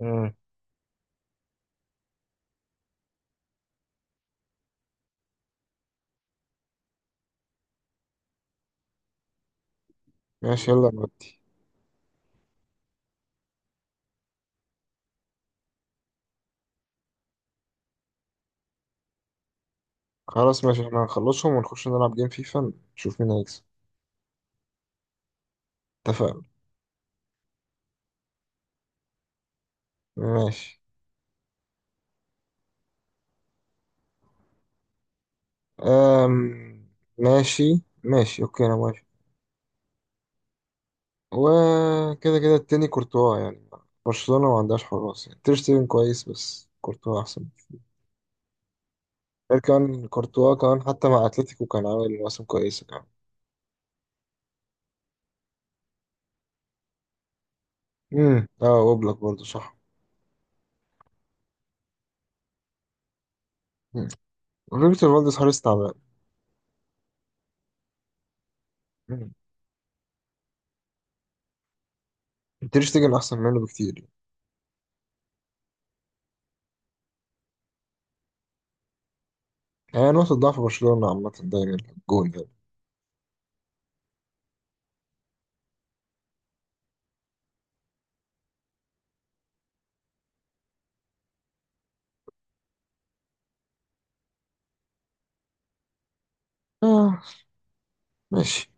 مم. ماشي، يلا نودي. خلاص ماشي، احنا هنخلصهم ونخش نلعب جيم فيفا نشوف مين هيكسب. اتفقنا. ماشي. أم... ماشي ماشي، اوكي انا موافق. وكده كده التاني كورتوا يعني. برشلونة ما عندهاش حراس، يعني تير شتيجن كويس بس كورتوا احسن. غير كان كورتوا كمان حتى مع اتلتيكو كان عامل مواسم كويسة كمان. اه، اوبلاك برضه صح. مم. وفيكتور فالديز حارس تعبان. مم. تير شتيجن احسن منه بكتير. يعني هي نقطة ضعف برشلونة عامة دايما الجون. يعني ماشي.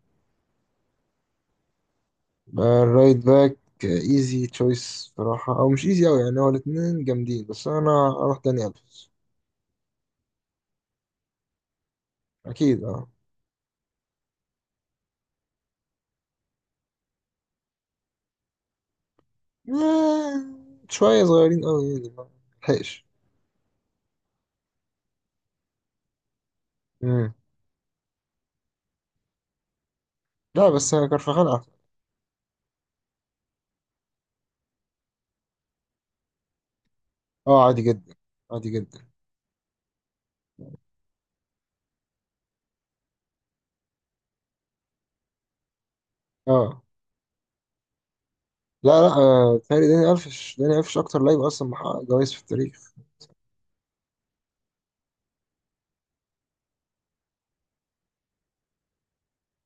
آه، الرايت باك. ايزي تشويس صراحة، او مش ايزي اوي يعني، هو الاتنين جامدين بس انا اروح داني الفيس. اكيد اه. آه، شوية صغيرين اوي يعني ما لحقش. مم. لا بس كارفاخال احسن. اه عادي جدا، عادي جدا. اه لا، آه، بيتهيألي داني الفيش اكتر لعيب اصلا محقق جوايز في التاريخ.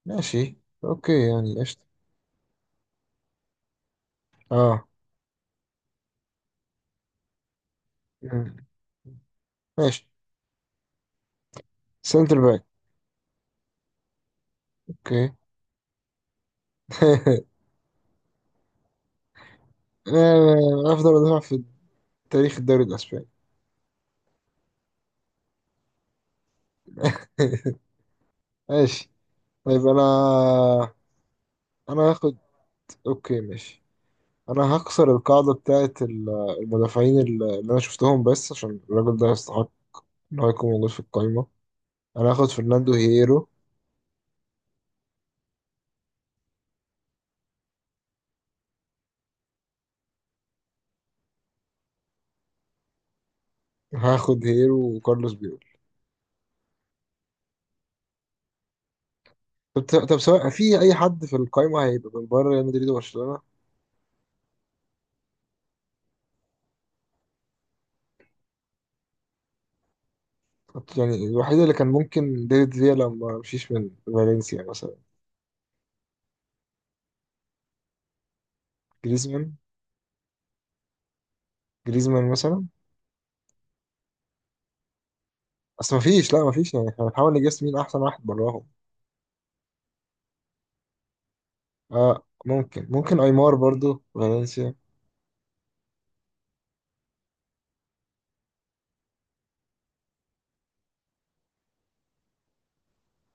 ماشي. اوكي يعني قشطة. اه. مم. ماشي. سنتر باك. اوكي. آه، افضل مدافع في تاريخ الدوري الاسباني. ماشي. طيب انا هاخد. اوكي ماشي. انا هكسر القاعدة بتاعت المدافعين اللي انا شفتهم، بس عشان الراجل ده يستحق ان هو يكون موجود في القايمة. انا هاخد فرناندو هيرو. هاخد هيرو وكارلوس بيول. طب، طب سواء في اي حد في القايمة هيبقى من بره ريال مدريد وبرشلونة. يعني الوحيد اللي كان ممكن ديفيد فيا لما مشيش من فالنسيا مثلا. جريزمان، جريزمان مثلا. بس مفيش، لا مفيش، يعني احنا بنحاول نجس مين احسن واحد براهم. اه ممكن، ايمار برضو فالنسيا.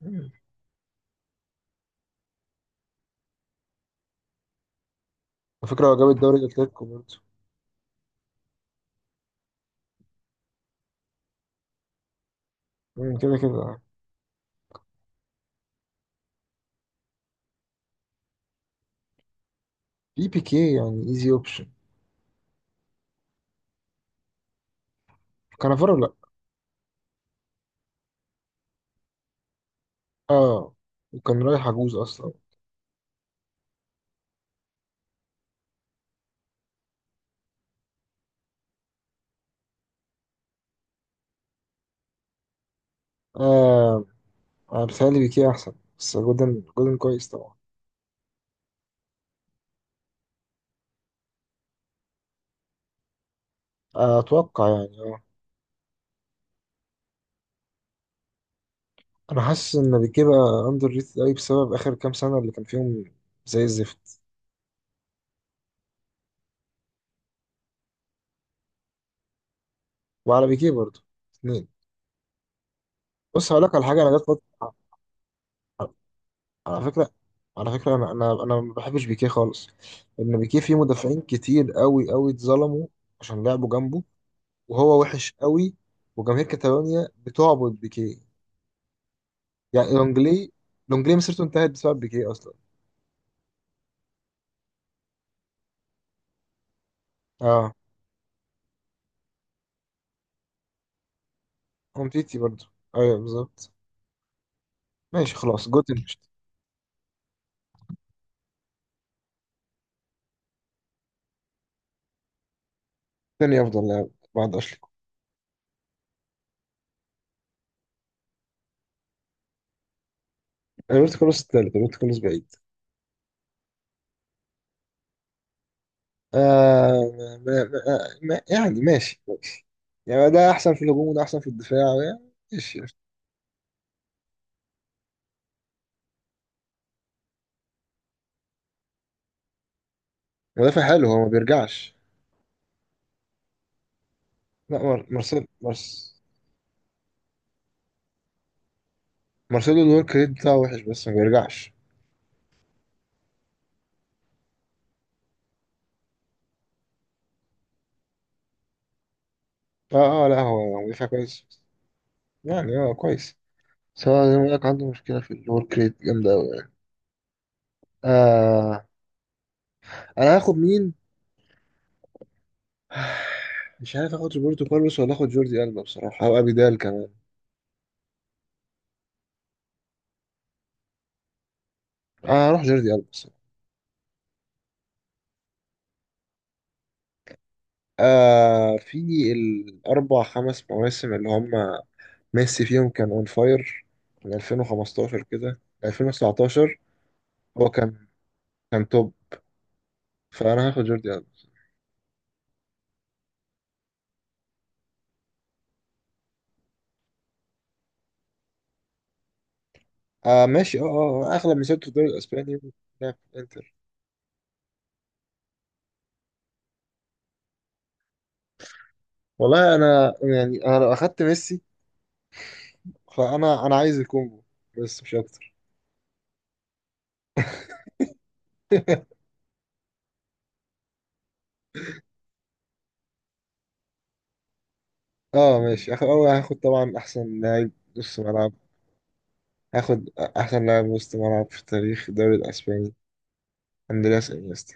مم. على فكرة هو جاب الدوري الأتليتيكو برضه. مم، كده كده. في بيكي يعني، ايزي اوبشن. كانافارو لأ. اه، وكان رايح عجوز أصلا. آه، أنا بيتهيألي بيكي أحسن، بس جولدن، جولدن كويس طبعا. آه، أتوقع يعني اه. أنا حاسس إن بيكي بقى أندر ريتد أوي بسبب آخر كام سنة اللي كان فيهم زي الزفت. وعلى بيكي برضه، اتنين. بص هقولك على حاجة، أنا جت فترة، على فكرة، على فكرة، أنا ما بحبش بيكيه خالص، لأن بيكيه فيه مدافعين كتير قوي اتظلموا عشان لعبوا جنبه، وهو وحش قوي، وجماهير كاتالونيا بتعبد بيكيه. يعني لونجلي، لونجلي مسيرته انتهت بسبب بيكيه أصلا. أه، أمتيتي برضه، أيوه بالظبط. ماشي خلاص جوتن مشت. تاني أفضل لاعب بعد أشلي كول. روبرت كارلوس التالت، روبرت كارلوس بعيد. آه. ما يعني ماشي ماشي، يعني ده أحسن في الهجوم وده أحسن في الدفاع، يعني ماشي. مدافع حلو هو، ما بيرجعش. لا مارس. مارسيلو الورك ريت بتاعه وحش بس ما بيرجعش. اه اه، لا هو مدافع كويس، يعني هو كويس، بس هو زي ما بقولك عنده مشكلة في الورك ريت جامدة أوي يعني. آه. أنا هاخد مين؟ مش عارف آخد روبرتو كارلوس ولا آخد جوردي ألبا بصراحة، أو أبيدال كمان. آه، هروح جوردي ألبا بصراحة. آه، في الأربع خمس مواسم اللي هم ميسي فيهم كان أون فاير، من 2015 كده 2019. هو كان توب. فانا هاخد جوردي ألبا. آه ماشي، اه اه، آه، اغلب مسيرته في الدوري الاسباني، لعب في الانتر. والله انا يعني، انا لو اخدت ميسي فانا، عايز الكونجو بس مش اكتر. اه ماشي، هاخد اول، هاخد طبعا احسن لاعب نص ملعب. هاخد احسن لاعب وسط ملعب في تاريخ الدوري الاسباني، اندرياس انيستا.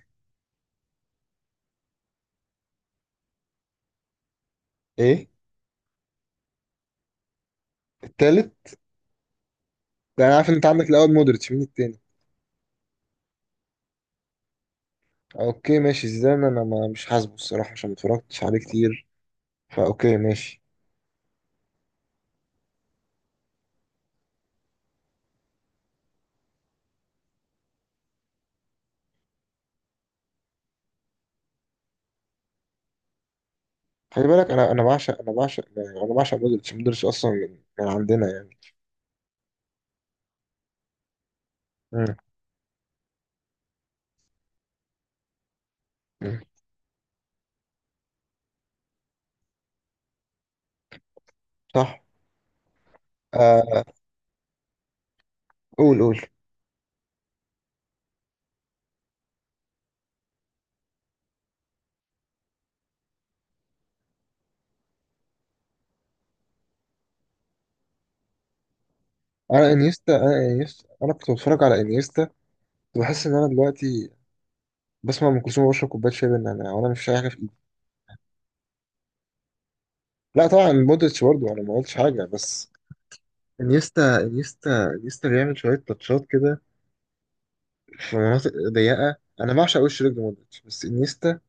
ايه التالت؟ ده انا عارف ان انت عندك الاول مودريتش، مين التاني؟ اوكي ماشي زيدان، انا ما مش حاسبه الصراحه عشان ما اتفرجتش عليه كتير، فاوكي ماشي. خلي بالك، انا بعشق، انا بعشق يعني، انا بعشق مودريتش، مودريتش اصلا من عندنا يعني. مم. مم. صح. آه قول قول. انا انيستا، انا انيستا، انا كنت بتفرج على انيستا كنت بحس ان انا دلوقتي بسمع ام كلثوم وبشرب كوبايه شاي بالنعناع وانا مش شايل حاجه في ايدي. لا طبعا مودريتش برضه، انا ما قلتش حاجه، بس انيستا انيستا بيعمل شويه تاتشات كده في مناطق ضيقه، انا بعشق وش رجل مودريتش بس انيستا،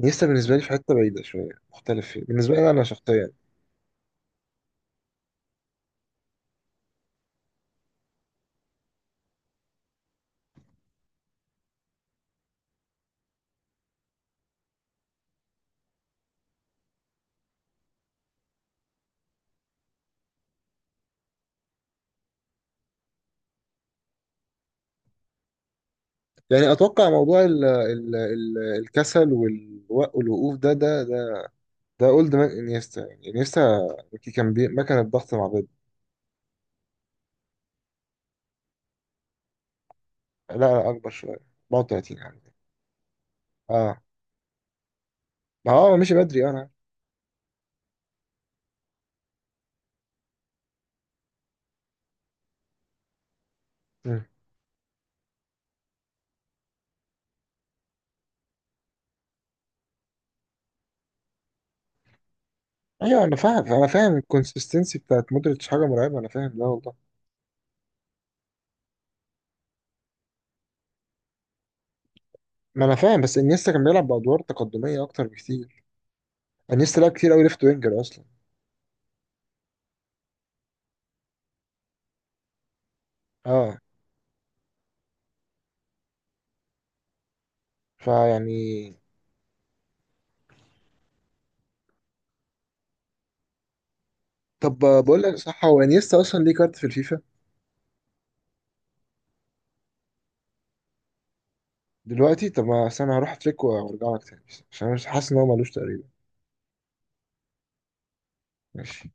انيستا بالنسبه لي في حته بعيده شويه، مختلف فيه بالنسبه لي انا شخصيا. يعني اتوقع موضوع ال الكسل والوقوف ده، ده ده اولد مان انيستا، يعني انيستا كان مكنه ضغط مع بيب. لا لا اكبر شويه، 34 يعني. اه ما هو مشي بدري، آه، انا. مم. ايوه انا فاهم، انا فاهم الكونسستنسي بتاعت مودريتش حاجه مرعبه، انا فاهم ده والله. ما انا فاهم، بس انيستا كان بيلعب بادوار تقدميه اكتر بكتير، انيستا لعب كتير قوي ليفت وينجر اصلا. اه فيعني. طب بقول لك صح، هو انيستا اصلا ليه كارت في الفيفا دلوقتي؟ طب ما أصل انا هروح اترك وارجع لك تاني، عشان انا مش حاسس ان هو ملوش تقريبا. ماشي.